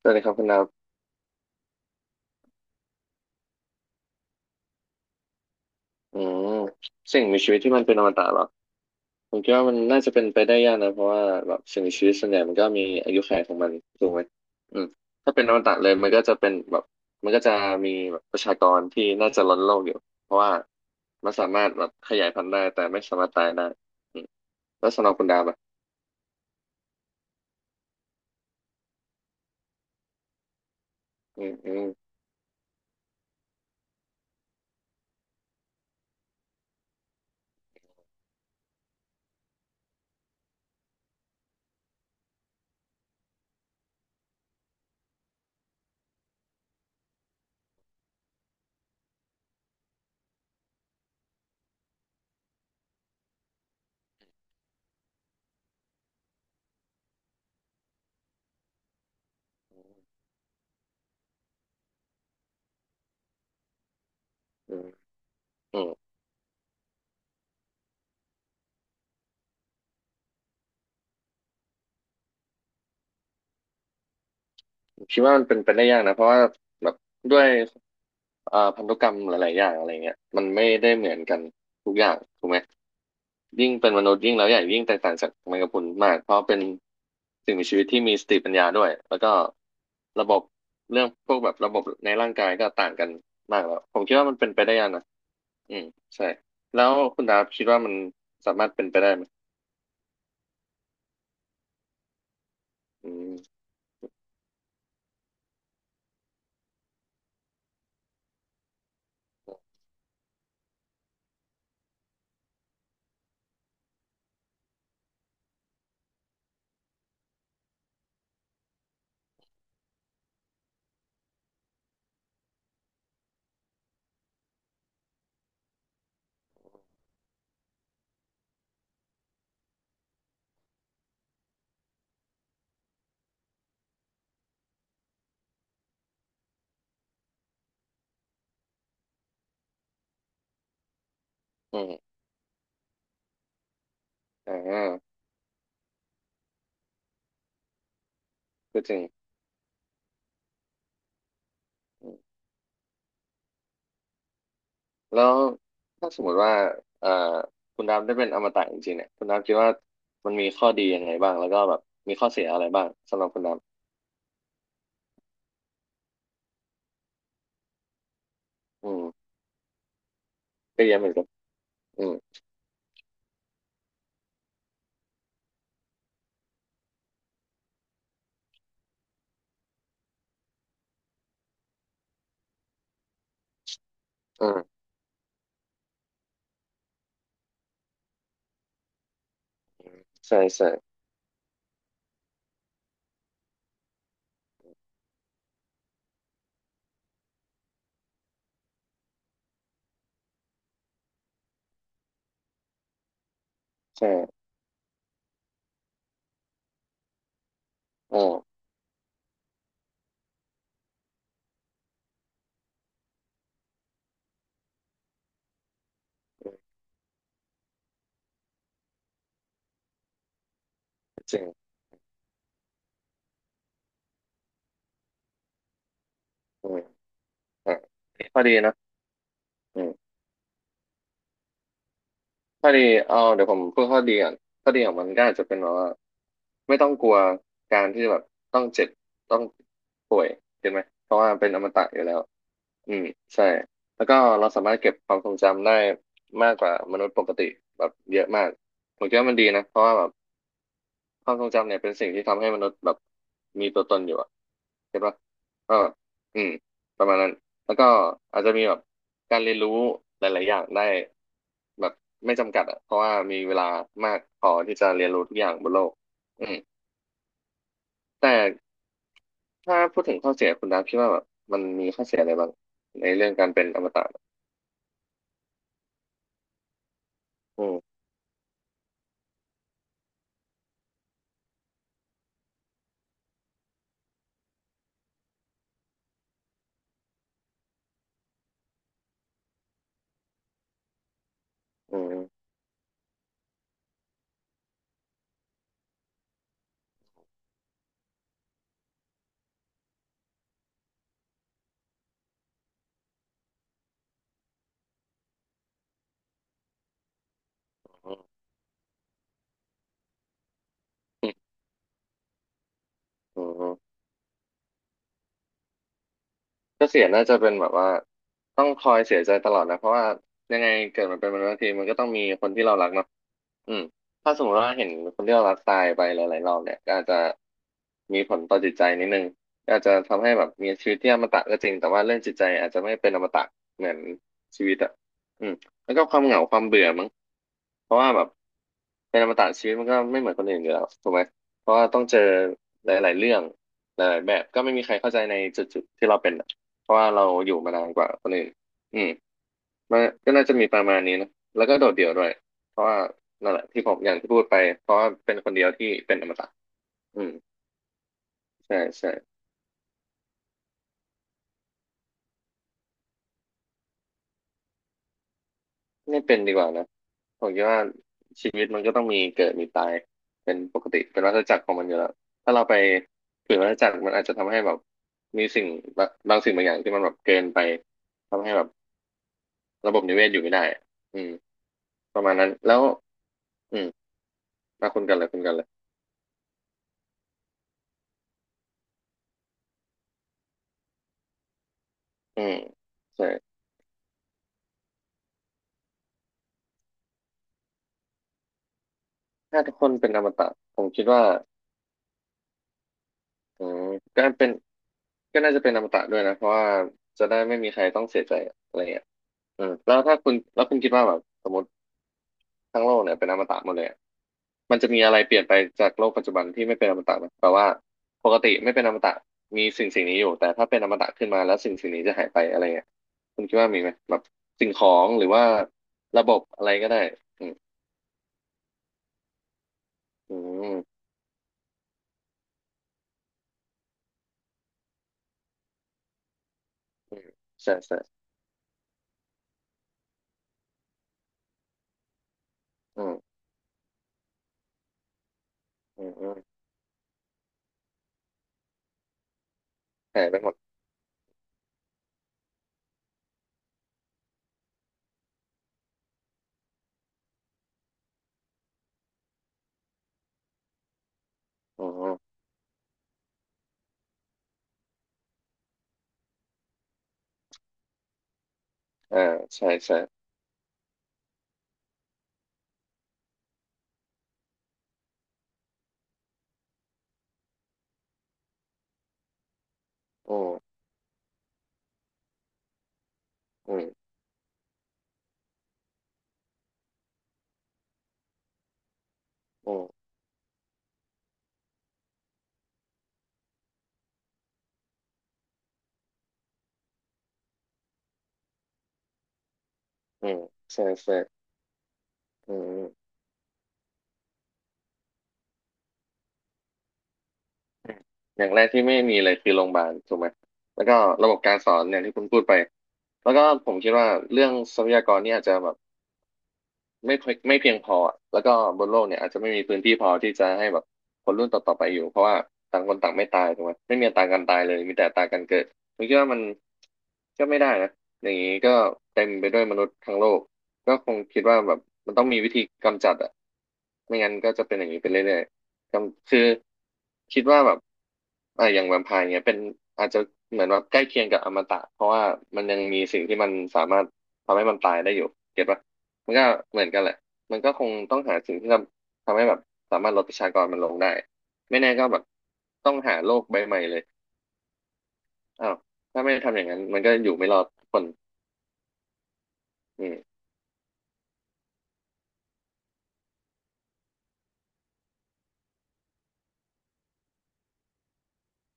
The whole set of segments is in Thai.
สวัสดีครับคุณดับอืมสิ่งมีชีวิตที่มันเป็นอมตะเหรอผมคิดว่ามันน่าจะเป็นไปได้ยากนะเพราะว่าแบบสิ่งมีชีวิตส่วนใหญ่มันก็มีอายุขัยของมันถูกไหมอืมถ้าเป็นอมตะเลยมันก็จะเป็นแบบมันก็จะมีแบบประชากรที่น่าจะล้นโลกอยู่เพราะว่ามันสามารถแบบขยายพันธุ์ได้แต่ไม่สามารถตายได้อืมแล้วสำหรับคุณดาบอ่ะอืมอืมอืมอืมคิดว่ามันเป็นไปได้ยากนะเพราะว่าแบบด้วยพันธุกรรมหลายๆอย่างอะไรเงี้ยมันไม่ได้เหมือนกันทุกอย่างถูกไหม ยิ่งเป็นมนุษย์ยิ่งแล้วใหญ่ยิ่งแตกต่างจากแมงกะพรุนมากเพราะเป็นสิ่งมีชีวิตที่มีสติปัญญาด้วยแล้วก็ระบบเรื่องพวกแบบระบบในร่างกายก็ต่างกันมากแล้วผมคิดว่ามันเป็นไปได้ยากนะอืมใช่แล้วคุณดาบคิดว่ามันสามารถเป็นไปได้ไหมอืมอืมอ่าก็จริงอืมแล้วถ้าสมมติว่าเอ่อคุณดาบได้เป็นอมตะจริงๆเนี่ยคุณดาบคิดว่ามันมีข้อดียังไงบ้างแล้วก็แบบมีข้อเสียอะไรบ้างสำหรับคุณดาบอืมก็เยอะเหมือนกันอืมอืม ใช่ใช่ใช่อ๋อจริงอืมอ่ะข้อดีนะอืมข้อดีเอาเดี๋ยวผมพูดข้อดีก่อนข้อดีของมันก็อาจจะเป็นแบบว่าไม่ต้องกลัวการที่แบบต้องเจ็บต้องป่วยเห็นไหมเพราะว่าเป็นอมตะอยู่แล้วอืมใช่แล้วก็เราสามารถเก็บความทรงจำได้มากกว่ามนุษย์ปกติแบบเยอะมากผมคิดว่ามันดีนะเพราะว่าแบบ ความทรงจำเนี่ยเป็นสิ่งที่ทำให้มนุษย์แบบมีตัวตนอยู่อะเห็นปะก็อืมประมาณนั้นแล้วก็อาจจะมีแบบการเรียนรู้หลายๆอย่างได้แบบไม่จำกัดอะเพราะว่ามีเวลามากพอที่จะเรียนรู้ทุกอย่างบนโลกอืมแต่ถ้าพูดถึงข้อเสียคุณดาพี่ว่าแบบมันมีข้อเสียอะไรบ้างในเรื่องการเป็นอมตะอืมอืมอืมอืม ก็เสียน่าจะเป็นแบบว่าต้องคอยเสียใจตลอดนะเพราะว่ายังไงเกิดมันเป็นมนุษย์ทงทีมันก็ต้องมีคนที่เรารักเนาะอืมถ้าสมมติว่าเห็นคนที่เรารักตายไปหลายๆรอบเนี่ยก็อาจจะมีผลต่อจิตใจนิดนึงก็อาจจะทำให้แบบมีชีวิตที่อมตะก็จริงแต่ว่าเรื่องจิตใจอาจจะไม่เป็นอมตะเหมือนชีวิตอ่ะอืมแล้วก็ความเหงาความเบื่อมั้งเพราะว่าแบบเป็นอมตะชีวิตมันก็ไม่เหมือนคนอื่นอยู่แล้วถูกไหมเพราะว่าต้องเจอหลายๆเรื่องหลายๆแบบก็ไม่มีใครเข้าใจในจุดๆที่เราเป็น เพราะว่าเราอยู่มานานกว่าคนอื่นอืมมันก็น่าจะมีประมาณนี้นะแล้วก็โดดเดี่ยวด้วยเพราะว่านั่นแหละที่ผมอย่างที่พูดไปเพราะว่าเป็นคนเดียวที่เป็นอมตะอืมใช่ใช่ไม่เป็นดีกว่านะผมคิดว่าชีวิตมันก็ต้องมีเกิดมีตายเป็นปกติเป็นวัฏจักรของมันอยู่แล้วถ้าเราไปฝืนวัฏจักรมันอาจจะทำให้แบบมีสิ่งบางสิ่งบางอย่างที่มันแบบเกินไปทำให้แบบระบบนิเวศอยู่ไม่ได้อืมประมาณนั้นแล้วอืมมาคุณกันเลยคุณกันเลยอืมใช่ ถ้าทุกคนเป็นอมตะผมคิดว่าอืมก็เป็นก็น่าจะเป็นอมตะด้วยนะเพราะว่าจะได้ไม่มีใครต้องเสียใจอะไรเงี้ยอืมแล้วถ้าคุณแล้วคุณคิดว่าแบบสมมติทั้งโลกเนี่ยเป็นอมตะหมดเลยอะมันจะมีอะไรเปลี่ยนไปจากโลกปัจจุบันที่ไม่เป็นอมตะไหมแปลว่าปกติไม่เป็นอมตะมีสิ่งสิ่งนี้อยู่แต่ถ้าเป็นอมตะขึ้นมาแล้วสิ่งสิ่งนี้จะหายไปอะไรเงี้ยคุณคิดว่ามีไหมแบบสิ่งของหรือว่าระบบอะไรก็ได้อืมอืมอืมใช่ใช่อืมอืมอืมหายไปหมดอ๋อ อ่าใช่ใช่อืมอืมอืมอืมใช่ใช่อืมอืมอืมอย่างแรกที่ไม่มีเลยคือโรงพยาบาลถูกไหมแล้วก็ระบบการสอนอย่างที่คุณพูดไปแล้วก็ผมคิดว่าเรื่องทรัพยากรนี่อาจจะแบบ ไม่เพียงพอแล้วก็บนโลกเนี่ยอาจจะไม่มีพื้นที่พอที่จะให้แบบคนรุ่นต่อๆไปอยู่เพราะว่าต่างคนต่างไม่ตายถูกไหมไม่มีอัตราการตายเลยมีแต่อัตราการเกิดผมคิดว่ามันก็ไม่ได้นะอย่างนี้ก็เต็มไปด้วยมนุษย์ทั้งโลกก็คงคิดว่าแบบมันต้องมีวิธีกำจัดอะไม่งั้นก็จะเป็นอย่างนี้ไปเรื่อยๆกำคือคิดว่าแบบอ่าอย่างแวมไพร์เนี่ยเป็นอาจจะเหมือนว่าใกล้เคียงกับอมตะเพราะว่ามันยังมีสิ่งที่มันสามารถทำให้มันตายได้อยู่เก็ตปะ มันก็เหมือนกันแหละมันก็คงต้องหาสิ่งที่ทำให้แบบสามารถลดประชากรมันลงได้ไม่แน่ก็แบบต้องหาโลกใบใหม่เลยอ้าวถ้าไม่ทำอย่างนั้นมันก็อยู่ไม่รอดทุกคนอืม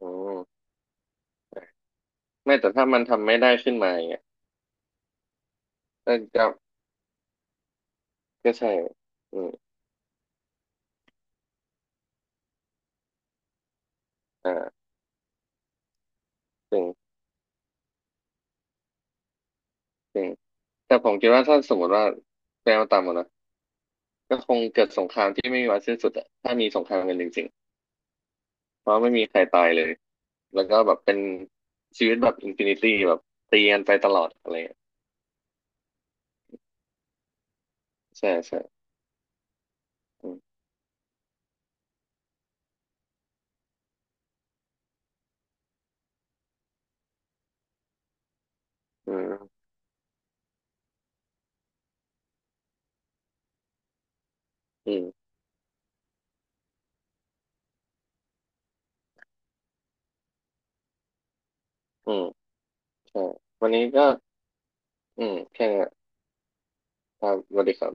อืมไม่แต่ถ้ามันทำไม่ได้ขึ้นมาอย่างเงี้ยก็ก็ใช่อืมอ่าจริงจริงแต่ผมคิดว่าถ้าสมมติว่าแนวต่ำอะนะก็คงเกิดสงครามที่ไม่มีวันสิ้นสุดอะถ้ามีสงครามกันจริงๆเพราะไม่มีใครตายเลยแล้วก็แบบเป็นชีวิตแบบอินฟินิตี้แบบตีกันไปตลอดอะไร ใช่ใช่อืมอืมอืมอืมใช่วันนี้ก็อืมแค่นี้ครับสวัสดีครับ